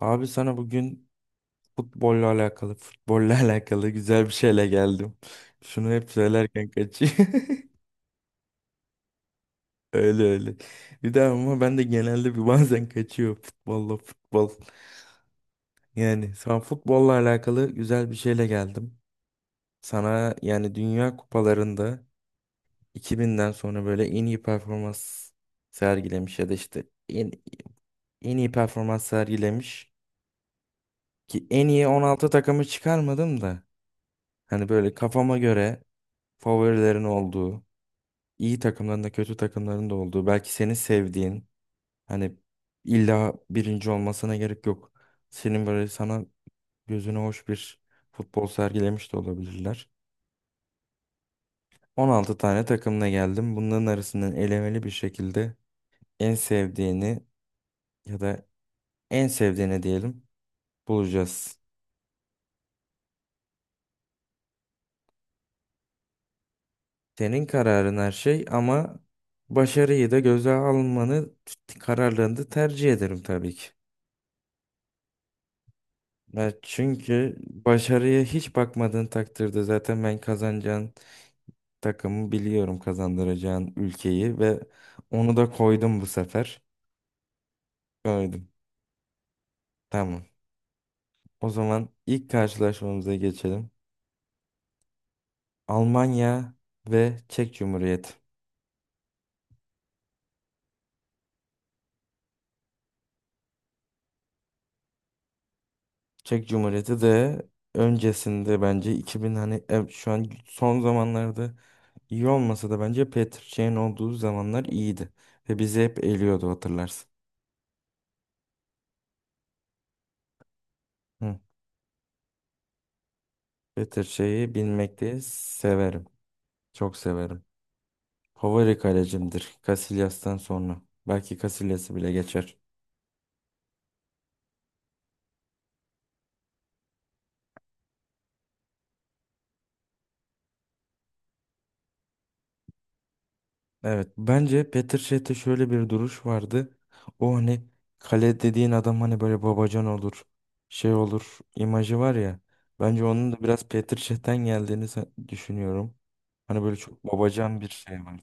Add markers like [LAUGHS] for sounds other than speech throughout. Abi sana bugün futbolla [LAUGHS] alakalı güzel bir şeyle geldim. Şunu hep söylerken kaçıyor. [LAUGHS] Öyle öyle. Bir de ama ben de genelde bazen kaçıyor futbolla futbol. Yani sana futbolla alakalı güzel bir şeyle geldim. Sana yani Dünya Kupalarında 2000'den sonra böyle en iyi performans sergilemiş ya da işte en iyi performans sergilemiş. Ki en iyi 16 takımı çıkarmadım da. Hani böyle kafama göre favorilerin olduğu, iyi takımların da kötü takımların da olduğu, belki senin sevdiğin, hani illa birinci olmasına gerek yok. Senin böyle sana gözüne hoş bir futbol sergilemiş de olabilirler. 16 tane takımla geldim. Bunların arasından elemeli bir şekilde en sevdiğini ya da en sevdiğini diyelim bulacağız. Senin kararın her şey ama başarıyı da göze almanı kararlarını da tercih ederim tabii ki. Ya çünkü başarıya hiç bakmadığın takdirde zaten ben kazanacağın takımı biliyorum, kazandıracağın ülkeyi ve onu da koydum bu sefer. Koydum. Tamam. O zaman ilk karşılaşmamıza geçelim. Almanya ve Çek Cumhuriyeti. Çek Cumhuriyeti de öncesinde bence 2000 hani şu an son zamanlarda iyi olmasa da bence Petr Çiğ'in olduğu zamanlar iyiydi. Ve bizi hep eliyordu, hatırlarsın. Better şeyi bilmekteyi severim. Çok severim. Favori kalecimdir. Casillas'tan sonra. Belki Casillas'ı bile geçer. Evet. Bence Petr Cech'te şöyle bir duruş vardı. O hani kale dediğin adam hani böyle babacan olur. Şey olur, imajı var ya. Bence onun da biraz Petr Cech'ten geldiğini düşünüyorum. Hani böyle çok babacan bir şey vardı.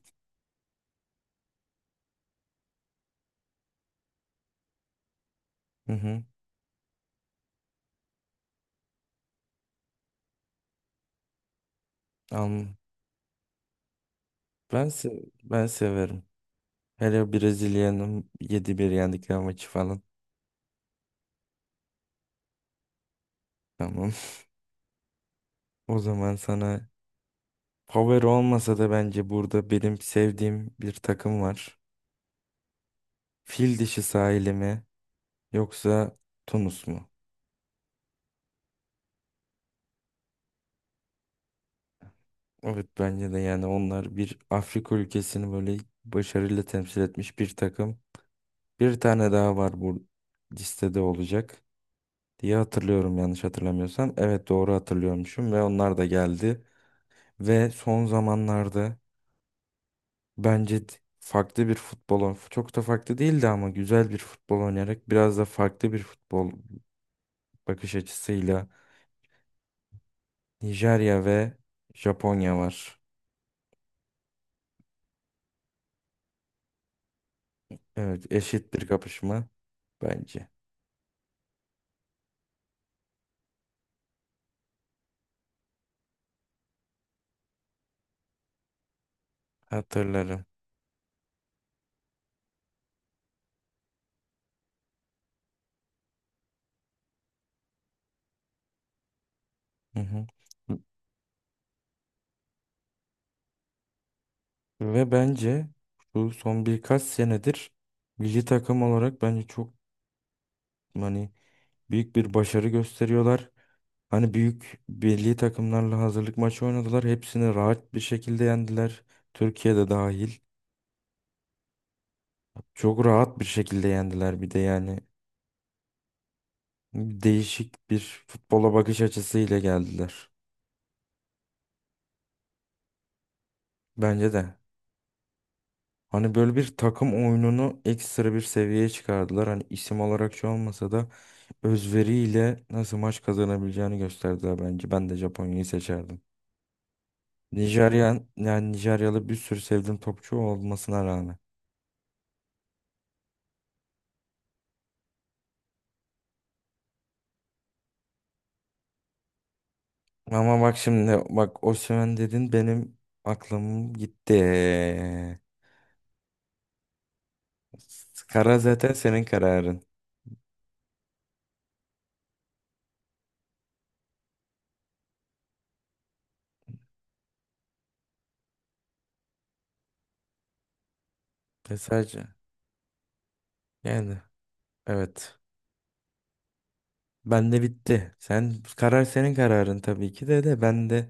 Hı hı. Anladım. Ben, se ben severim. Hele Brezilya'nın 7-1 yendikleri maçı falan. Tamam. O zaman sana power olmasa da bence burada benim sevdiğim bir takım var. Fil dişi sahili mi yoksa Tunus mu? Evet, bence de yani onlar bir Afrika ülkesini böyle başarıyla temsil etmiş bir takım. Bir tane daha var bu listede olacak diye hatırlıyorum, yanlış hatırlamıyorsam. Evet, doğru hatırlıyormuşum ve onlar da geldi. Ve son zamanlarda bence farklı bir futbol çok da farklı değildi ama güzel bir futbol oynayarak biraz da farklı bir futbol bakış açısıyla Nijerya ve Japonya var. Evet, eşit bir kapışma bence. Hatırlarım. Hı hı. Ve bence bu son birkaç senedir milli takım olarak bence çok hani büyük bir başarı gösteriyorlar. Hani büyük milli takımlarla hazırlık maçı oynadılar. Hepsini rahat bir şekilde yendiler. Türkiye'de dahil. Çok rahat bir şekilde yendiler bir de yani. Değişik bir futbola bakış açısıyla geldiler. Bence de. Hani böyle bir takım oyununu ekstra bir seviyeye çıkardılar. Hani isim olarak şu olmasa da özveriyle nasıl maç kazanabileceğini gösterdiler bence. Ben de Japonya'yı seçerdim. Yani Nijeryalı bir sürü sevdiğim topçu olmasına rağmen. Ama bak şimdi bak Osimhen dedin, benim aklım gitti. Kara zaten senin kararın. Mesaj. Yani evet. Ben de bitti. Sen karar senin kararın tabii ki de ben de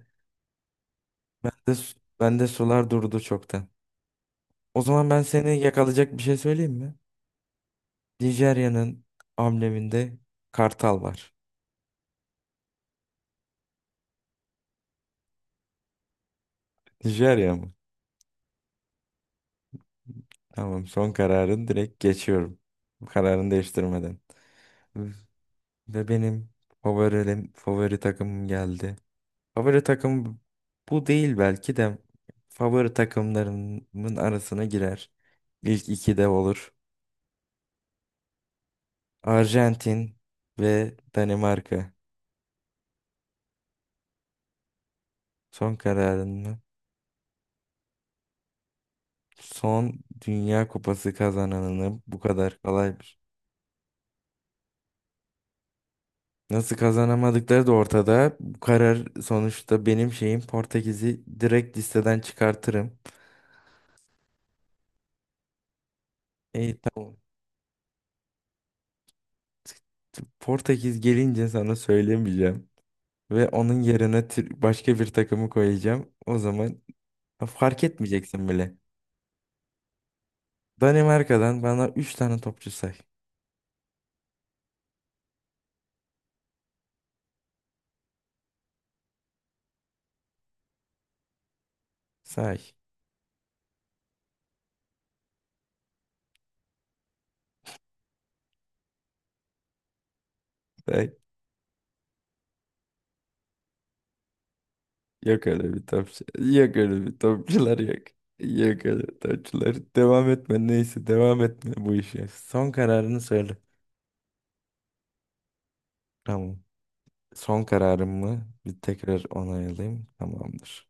de ben de sular durdu çoktan. O zaman ben seni yakalayacak bir şey söyleyeyim mi? Nijerya'nın ambleminde kartal var. Nijerya mı? Tamam, son kararın, direkt geçiyorum. Bu kararını değiştirmeden. Ve benim favori takımım geldi. Favori takım bu değil, belki de favori takımlarımın arasına girer. İlk iki de olur. Arjantin ve Danimarka. Son kararın mı? Son Dünya Kupası kazananını bu kadar kolaymış. Nasıl kazanamadıkları da ortada. Bu karar sonuçta benim şeyim, Portekiz'i direkt listeden çıkartırım. İyi, tamam. Portekiz gelince sana söylemeyeceğim. Ve onun yerine başka bir takımı koyacağım. O zaman fark etmeyeceksin bile. Danimarka'dan bana 3 tane topçu say. Say. Say. Yok öyle bir topçu. Yok öyle bir topçular yok. Yok öyle topçular. Devam etme, neyse devam etme bu işe. Son kararını söyle. Tamam. Son kararım mı? Bir tekrar onaylayayım. Tamamdır.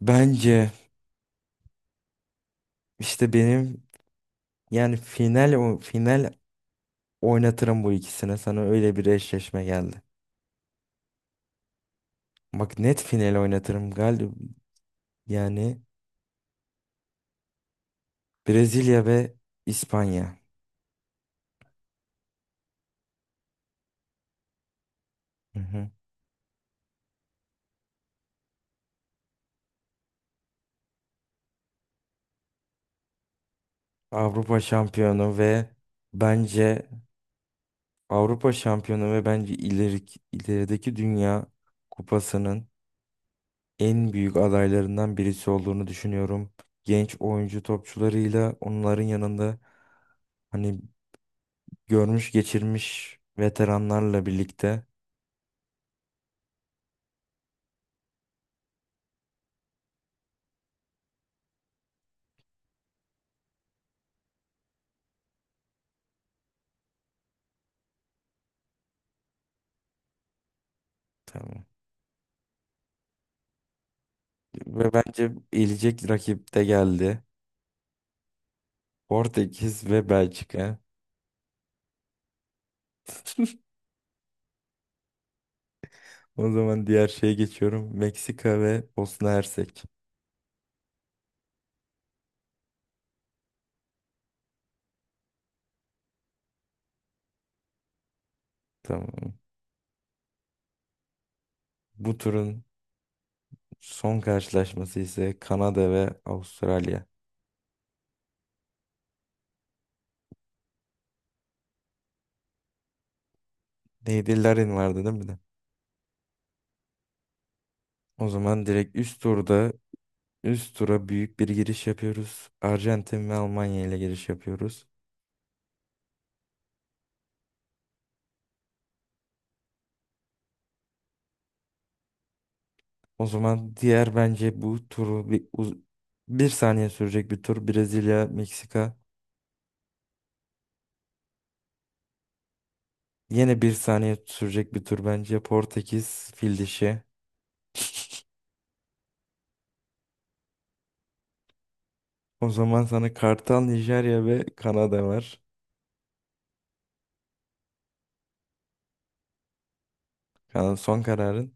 Bence işte benim yani final final oynatırım bu ikisine. Sana öyle bir eşleşme geldi. Bak net final oynatırım galiba. Yani Brezilya ve İspanya. Hı hı. Avrupa şampiyonu ve bence Avrupa şampiyonu ve bence ilerideki Dünya Kupası'nın en büyük adaylarından birisi olduğunu düşünüyorum. Genç oyuncu topçularıyla onların yanında hani görmüş geçirmiş veteranlarla birlikte. Tamam. Ve bence elecek rakip de geldi. Portekiz ve Belçika. [LAUGHS] O zaman diğer şeye geçiyorum. Meksika ve Bosna Hersek. Tamam. Bu turun son karşılaşması ise Kanada ve Avustralya. Neydi? Larin vardı değil mi de? O zaman direkt üst tura büyük bir giriş yapıyoruz. Arjantin ve Almanya ile giriş yapıyoruz. O zaman diğer bence bu turu bir saniye sürecek bir tur. Brezilya, Meksika. Yine bir saniye sürecek bir tur bence. Portekiz, fil dişi. O zaman sana Kartal, Nijerya ve Kanada var. Kanada son kararın.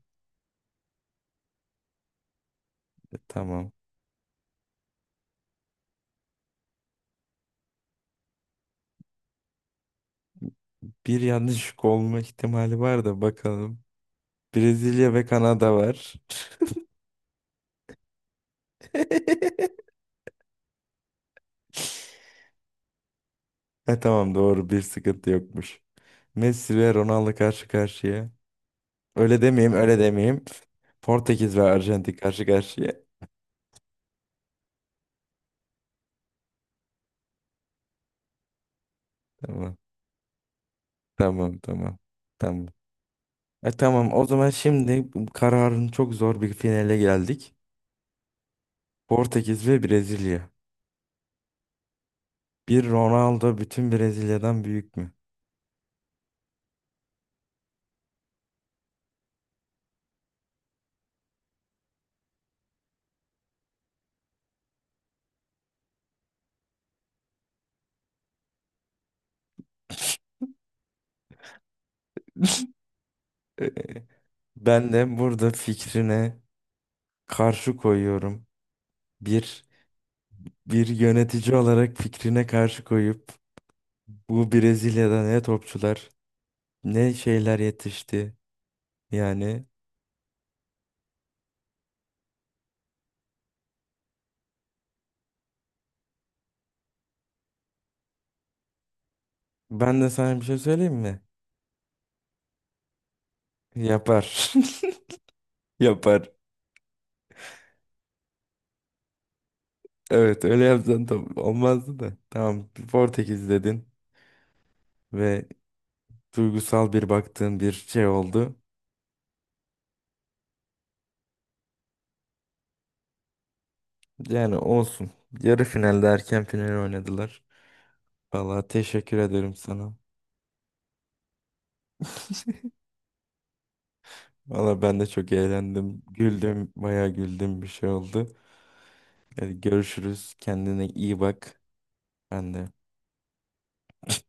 E, tamam. Bir yanlışlık olma ihtimali var da bakalım. Brezilya ve Kanada var. [LAUGHS] E tamam, doğru, bir sıkıntı yokmuş. Messi ve Ronaldo karşı karşıya. Öyle demeyeyim, öyle demeyeyim. Portekiz ve Arjantin karşı karşıya. Tamam, tamam, tamam. Tamam. E tamam, o zaman şimdi bu kararın, çok zor bir finale geldik. Portekiz ve Brezilya. Bir Ronaldo bütün Brezilya'dan büyük mü? [LAUGHS] Ben de burada fikrine karşı koyuyorum. Bir bir yönetici olarak fikrine karşı koyup bu Brezilya'da ne topçular ne şeyler yetişti. Yani ben de sana bir şey söyleyeyim mi? Yapar. [LAUGHS] Yapar. Evet, öyle yapsan tam olmazdı da. Tamam, Portekiz dedin ve duygusal bir baktığın bir şey oldu. Yani olsun. Yarı finalde erken final oynadılar. Vallahi teşekkür ederim sana. [LAUGHS] Valla ben de çok eğlendim. Güldüm, bayağı güldüm, bir şey oldu. Hadi görüşürüz. Kendine iyi bak. Ben de.